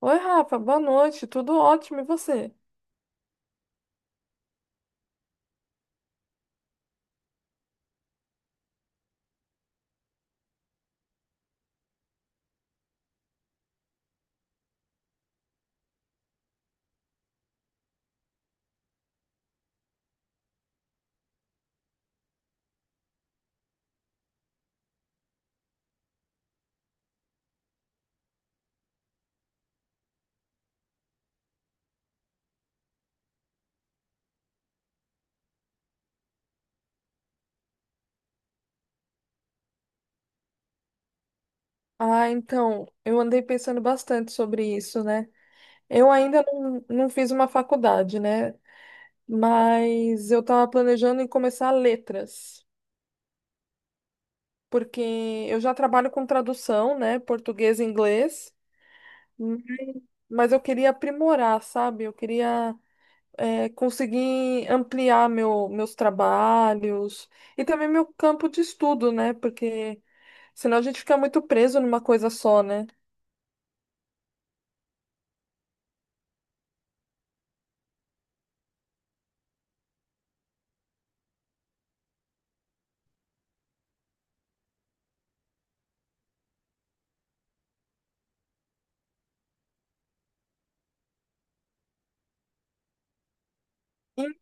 Oi, Rafa, boa noite, tudo ótimo, e você? Ah, então, eu andei pensando bastante sobre isso, né? Eu ainda não fiz uma faculdade, né? Mas eu estava planejando em começar letras, porque eu já trabalho com tradução, né? Português e inglês, hum, mas eu queria aprimorar, sabe? Eu queria, conseguir ampliar meus trabalhos e também meu campo de estudo, né? Porque senão a gente fica muito preso numa coisa só, né? En-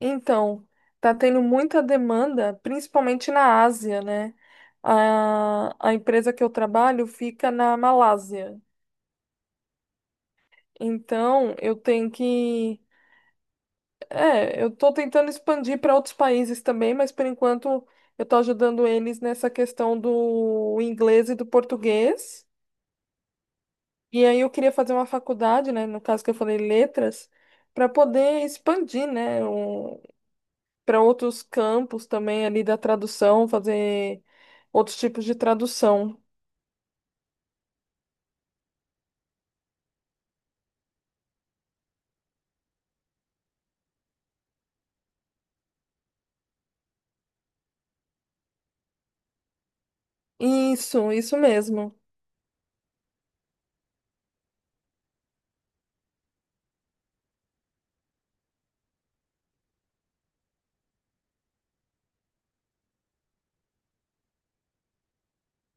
Então, tá tendo muita demanda, principalmente na Ásia, né? A empresa que eu trabalho fica na Malásia. Então, eu tenho que. É, eu tô tentando expandir para outros países também, mas por enquanto eu tô ajudando eles nessa questão do inglês e do português. E aí eu queria fazer uma faculdade, né? No caso que eu falei letras, para poder expandir, né? Para outros campos também ali da tradução, fazer outros tipos de tradução. Isso mesmo.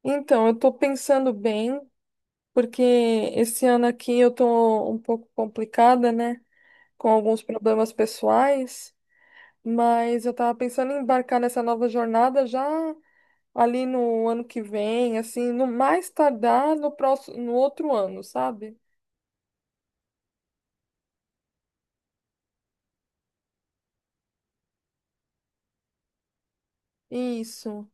Então, eu estou pensando bem, porque esse ano aqui eu estou um pouco complicada, né? Com alguns problemas pessoais, mas eu estava pensando em embarcar nessa nova jornada já ali no ano que vem, assim, no mais tardar no próximo, no outro ano, sabe? Isso.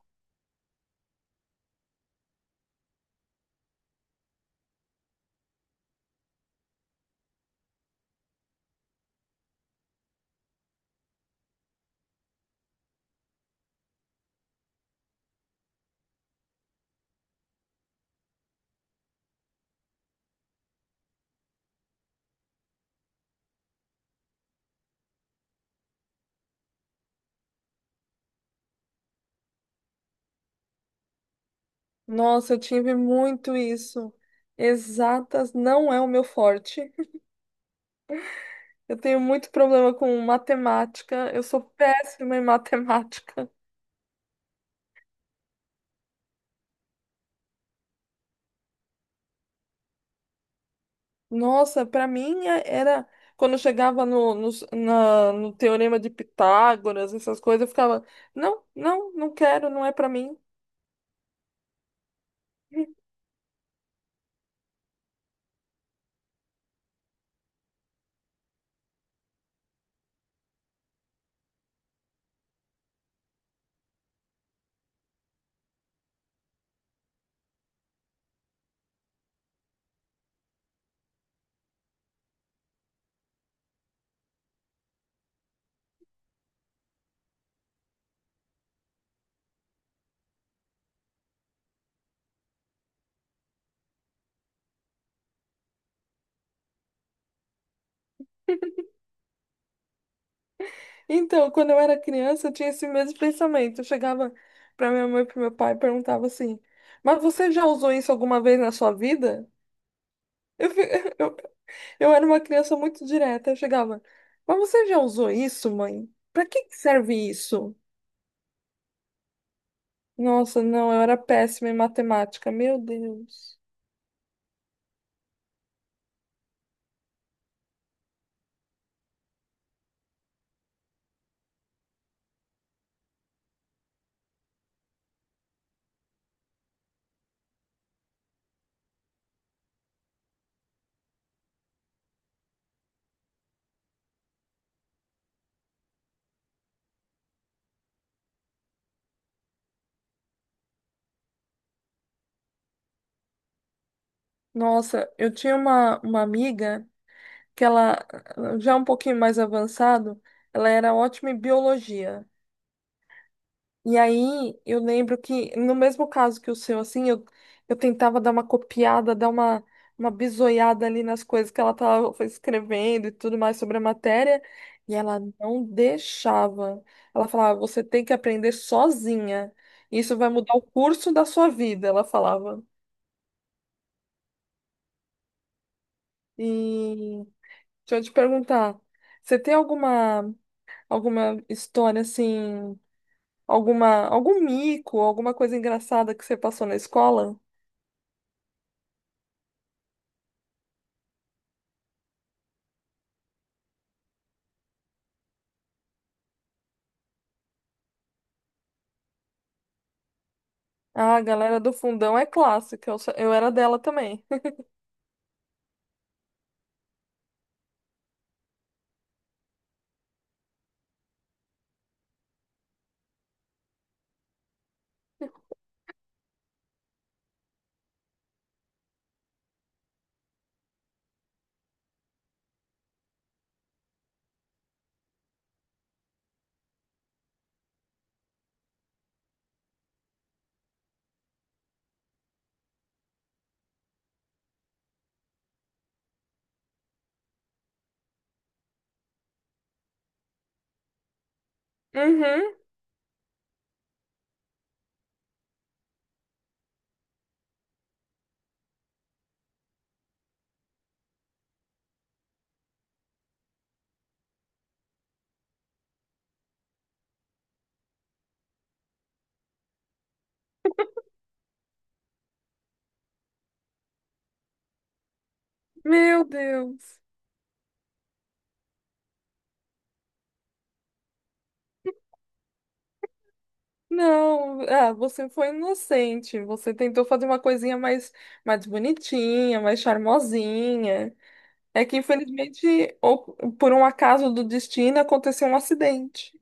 Nossa, eu tive muito isso. Exatas não é o meu forte. Eu tenho muito problema com matemática. Eu sou péssima em matemática. Nossa, para mim era. Quando eu chegava no Teorema de Pitágoras, essas coisas, eu ficava: não, não, não quero, não é para mim. Então, quando eu era criança, eu tinha esse mesmo pensamento. Eu chegava para minha mãe e para meu pai e perguntava assim: mas você já usou isso alguma vez na sua vida? Eu, fi- Eu era uma criança muito direta. Eu chegava, mas você já usou isso, mãe? Pra que que serve isso? Nossa, não, eu era péssima em matemática, meu Deus. Nossa, eu tinha uma amiga que ela, já um pouquinho mais avançado, ela era ótima em biologia. E aí eu lembro que, no mesmo caso que o seu, assim, eu tentava dar uma copiada, uma bisoiada ali nas coisas que ela estava escrevendo e tudo mais sobre a matéria, e ela não deixava. Ela falava, você tem que aprender sozinha. Isso vai mudar o curso da sua vida, ela falava. E deixa eu te perguntar, você tem alguma, alguma história assim, alguma, algum mico, alguma coisa engraçada que você passou na escola? Ah, a galera do fundão é clássica. Eu, eu era dela também. Uhum. Meu Deus. Não, ah, você foi inocente. Você tentou fazer uma coisinha mais, mais bonitinha, mais charmosinha. É que, infelizmente, ou por um acaso do destino, aconteceu um acidente.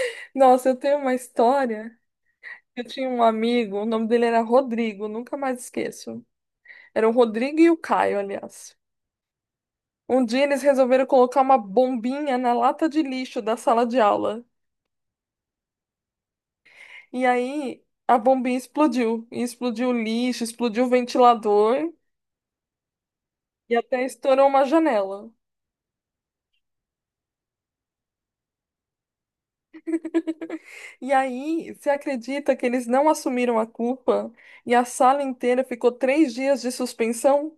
Nossa, eu tenho uma história. Eu tinha um amigo, o nome dele era Rodrigo, nunca mais esqueço. Era o Rodrigo e o Caio, aliás. Um dia eles resolveram colocar uma bombinha na lata de lixo da sala de aula. E aí a bombinha explodiu. E explodiu o lixo, explodiu o ventilador e até estourou uma janela. E aí, você acredita que eles não assumiram a culpa e a sala inteira ficou 3 dias de suspensão?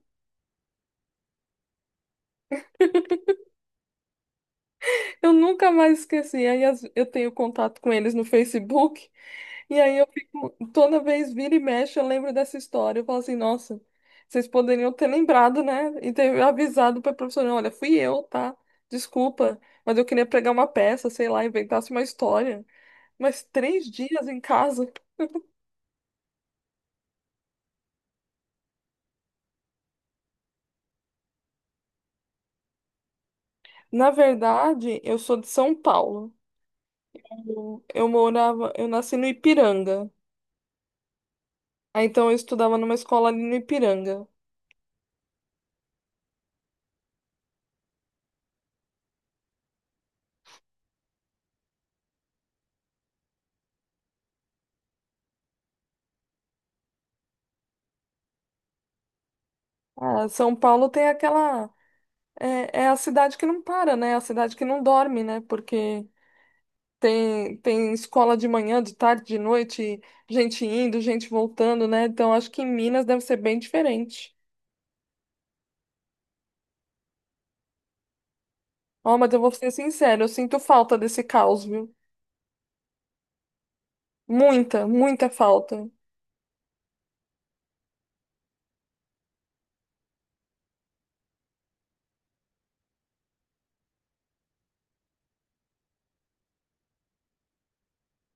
Eu nunca mais esqueci. Aí eu tenho contato com eles no Facebook. E aí eu fico, toda vez vira e mexe, eu lembro dessa história. Eu falo assim, nossa, vocês poderiam ter lembrado, né? E ter avisado para professora, olha, fui eu, tá? Desculpa, mas eu queria pregar uma peça, sei lá, inventasse uma história. Mas 3 dias em casa. Na verdade, eu sou de São Paulo. Eu morava, eu nasci no Ipiranga. Aí, então eu estudava numa escola ali no Ipiranga. Ah, São Paulo tem aquela. É, é a cidade que não para, né? É a cidade que não dorme, né? Porque tem escola de manhã, de tarde, de noite, gente indo, gente voltando, né? Então acho que em Minas deve ser bem diferente. Ó, mas eu vou ser sincero, eu sinto falta desse caos, viu? Muita, muita falta.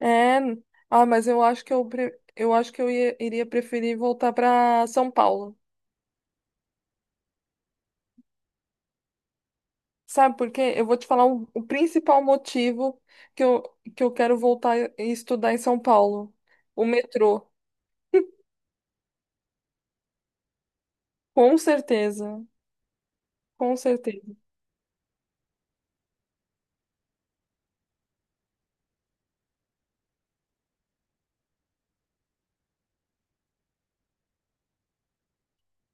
É, ah, mas eu acho que eu acho que eu iria preferir voltar para São Paulo. Sabe por quê? Eu vou te falar o principal motivo que eu, que eu quero voltar e estudar em São Paulo. O metrô. Com certeza, com certeza.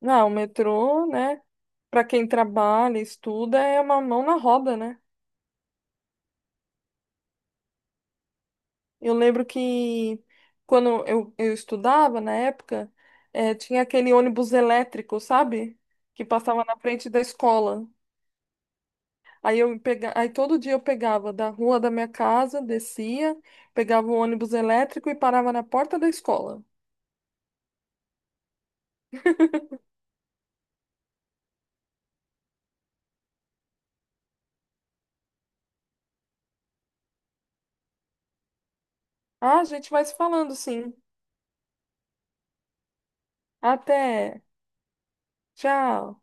Não, o metrô, né? Para quem trabalha, estuda, é uma mão na roda, né? Eu lembro que eu estudava, na época, tinha aquele ônibus elétrico, sabe? Que passava na frente da escola. Aí todo dia eu pegava da rua da minha casa, descia, pegava o ônibus elétrico e parava na porta da escola. Ah, a gente vai se falando, sim. Até. Tchau.